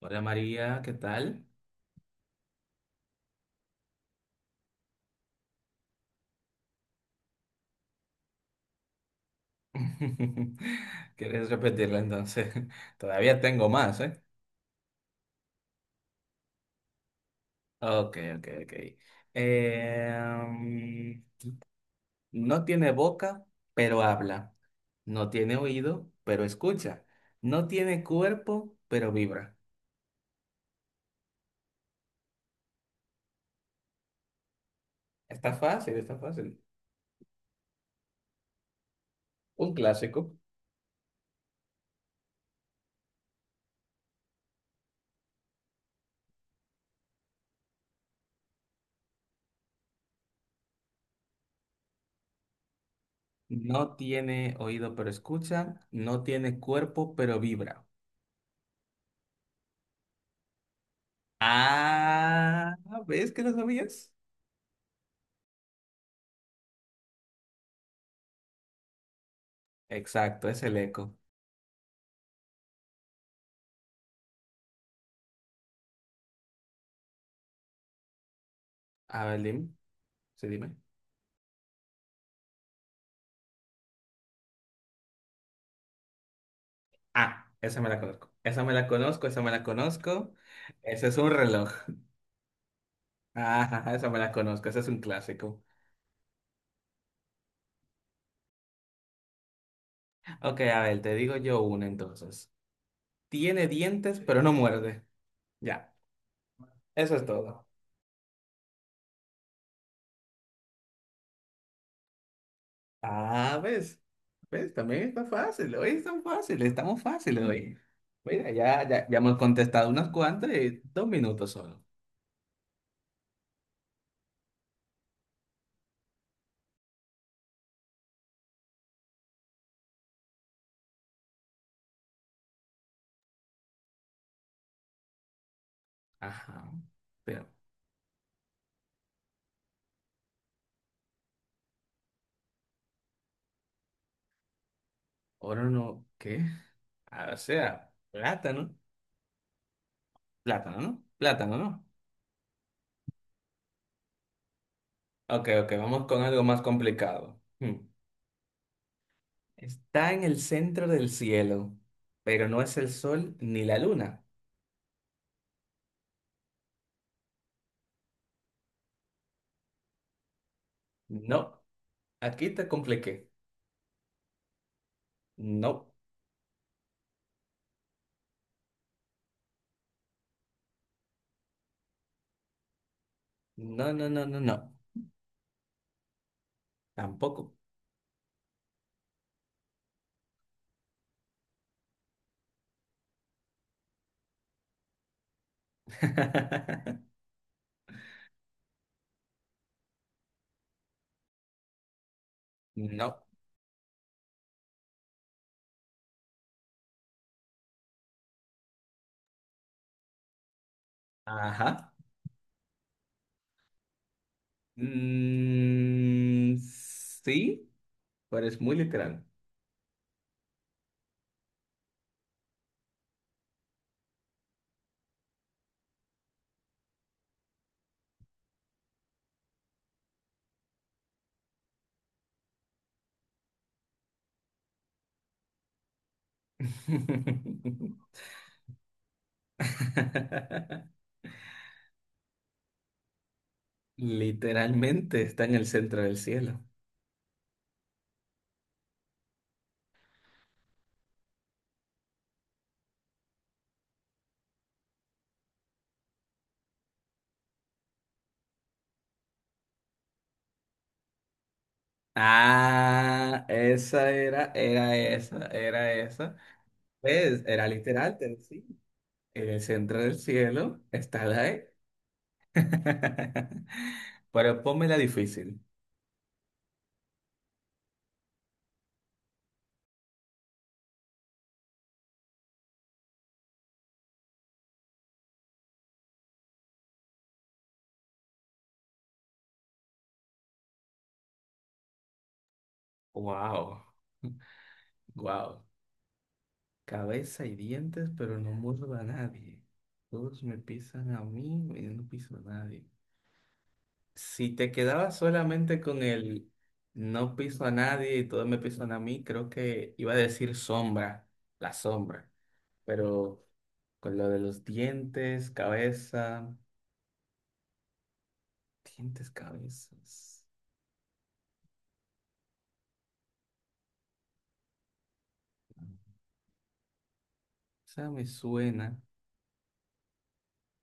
Hola María, ¿qué tal? ¿Quieres repetirla entonces? Todavía tengo más, ¿eh? Ok, ok, ok. Em, no tiene boca, pero habla. No tiene oído, pero escucha. No tiene cuerpo, pero vibra. Está fácil, está fácil. Un clásico. No tiene oído, pero escucha. No tiene cuerpo, pero vibra. Ah, ¿ves que lo sabías? Exacto, es el eco. A ver, dime. Sí, dime. Ah, esa me la conozco. Esa me la conozco, esa me la conozco. Ese es un reloj. Ah, esa me la conozco, ese es un clásico. Ok, a ver, te digo yo una entonces. Tiene dientes, pero no muerde. Ya, eso es todo. Ah, ¿ves? ¿Ves? También está fácil. Hoy es tan fácil, estamos fáciles hoy. Mira, ya, ya, ya hemos contestado unas cuantas y dos minutos solo. Ajá. Pero, ahora no, ¿qué? Ah, o sea, plátano. Plátano, ¿no? Plátano, ¿no? Ok, ok, vamos con algo más complicado. Hmm. Está en el centro del cielo, pero no es el sol ni la luna. No, aquí te compliqué. No, no, no, no, no, no. Tampoco. No. Ajá. Mm, sí, pero es muy literal. Literalmente está en el centro del cielo. Ah, esa era, era esa, era esa. ¿Ves? Era literal, pero sí. En el centro del cielo está la E. Pero pónmela difícil. Wow. Wow. Cabeza y dientes, pero no muerdo a nadie. Todos me pisan a mí y yo no piso a nadie. Si te quedabas solamente con el no piso a nadie y todos me pisan a mí, creo que iba a decir sombra, la sombra. Pero con lo de los dientes, cabeza, dientes, cabezas. Esa me suena,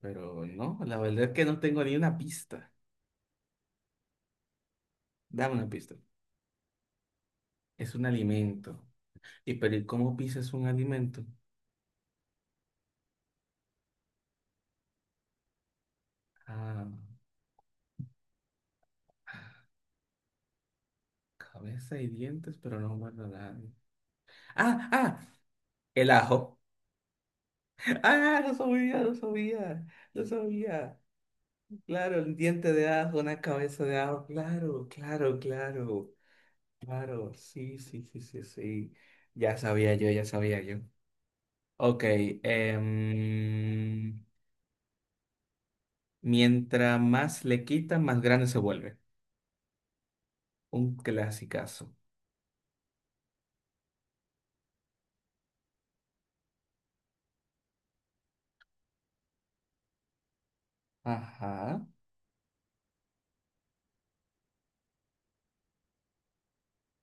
pero no, la verdad es que no tengo ni una pista. Dame una pista. Es un alimento. ¿Y pero ¿y cómo pisas un alimento? Ah, cabeza y dientes, pero no muerde a nadie. Ah, ah, el ajo. Ah, no sabía, no sabía, no sabía. Claro, el diente de ajo, una cabeza de ajo. Claro, claro, claro, claro. Sí, sí, sí, sí, sí. Ya sabía yo, ya sabía yo. Ok, em, mientras más le quitan, más grande se vuelve. Un clasicazo. Ajá.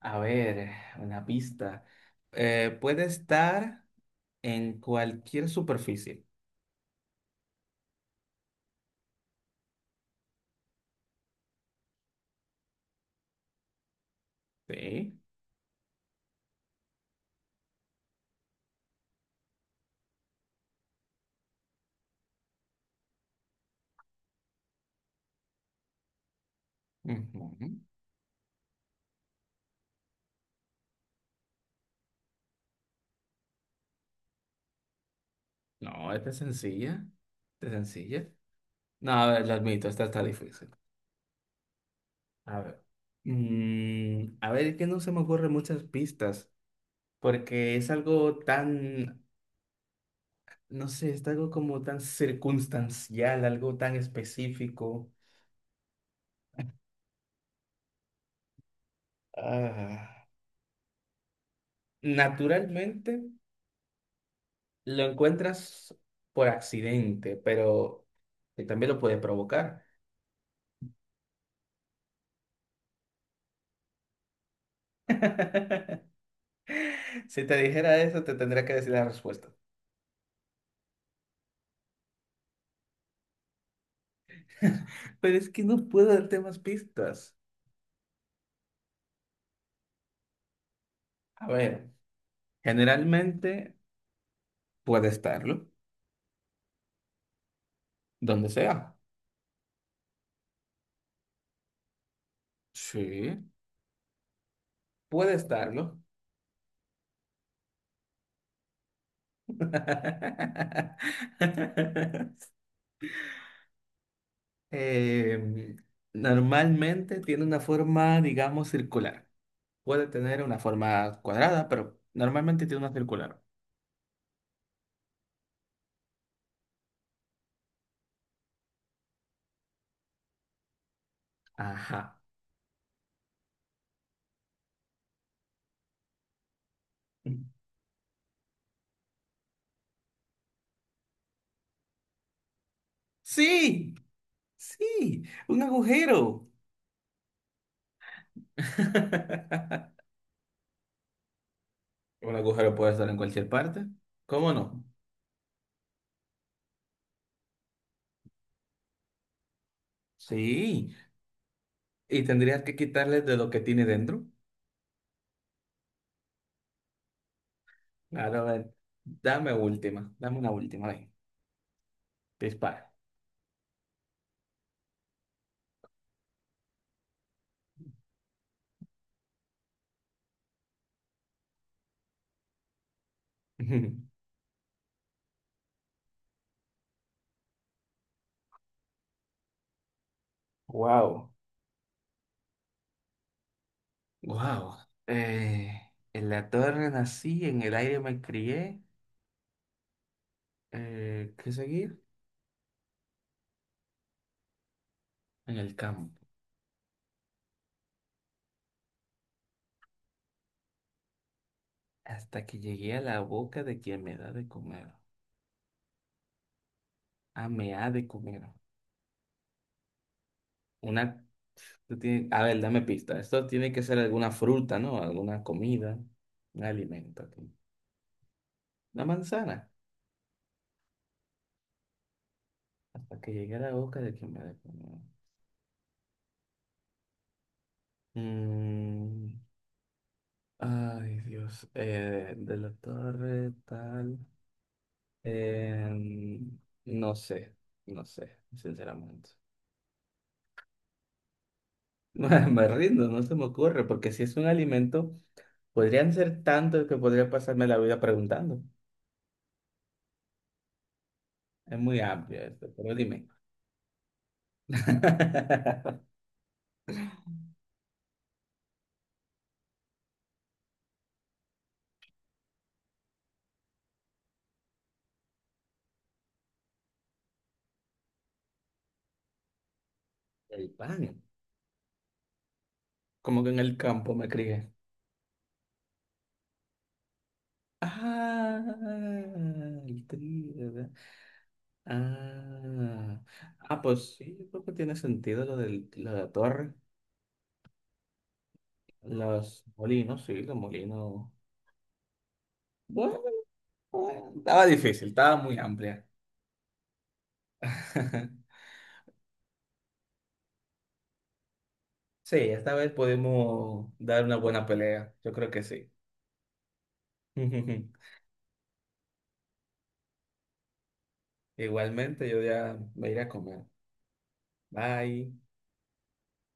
A ver, una pista. Puede estar en cualquier superficie. Sí. Ujú. No, esta es sencilla. Esta es sencilla. No, a ver, lo admito, esta está difícil. A ver. Mm, a ver, es que no se me ocurren muchas pistas, porque es algo tan, no sé, es algo como tan circunstancial, algo tan específico. Ah, naturalmente lo encuentras por accidente, pero que también lo puede provocar. Si te dijera eso, te tendría que decir la respuesta. Pero es que no puedo darte más pistas. A ver, generalmente puede estarlo, donde sea. Sí. Puede estarlo. Em, Normalmente tiene una forma, digamos, circular. Puede tener una forma cuadrada, pero normalmente tiene una circular. Ajá. Sí, sí, un agujero. Un agujero puede estar en cualquier parte. ¿Cómo no? Sí, y tendrías que quitarles de lo que tiene dentro. Claro, a ver, dame última, dame una última, ven, dispara. Wow. Wow. En la torre nací, en el aire me crié. ¿Qué seguir? En el campo. Hasta que llegué a la boca de quien me da de comer. Ah, me ha de comer. Una. Tú tienes- a ver, dame pista. Esto tiene que ser alguna fruta, ¿no? Alguna comida, un alimento. Ok. Una manzana. Hasta que llegué a la boca de quien me la comió. Mm, ay, Dios. De la torre, tal. Em, no sé, no sé, sinceramente. Me rindo, no se me ocurre, porque si es un alimento, podrían ser tantos que podría pasarme la vida preguntando. Es muy amplio esto, pero dime. El pan. Como que en el campo me crié. Ah, el trigo. Ah, ah, pues sí, yo creo que tiene sentido lo del, lo de la torre, los molinos, sí, los molinos. Bueno, bueno, estaba difícil, estaba muy amplia. Sí, esta vez pudimos dar una buena pelea, yo creo que sí. Igualmente, yo ya me iré a comer. Bye.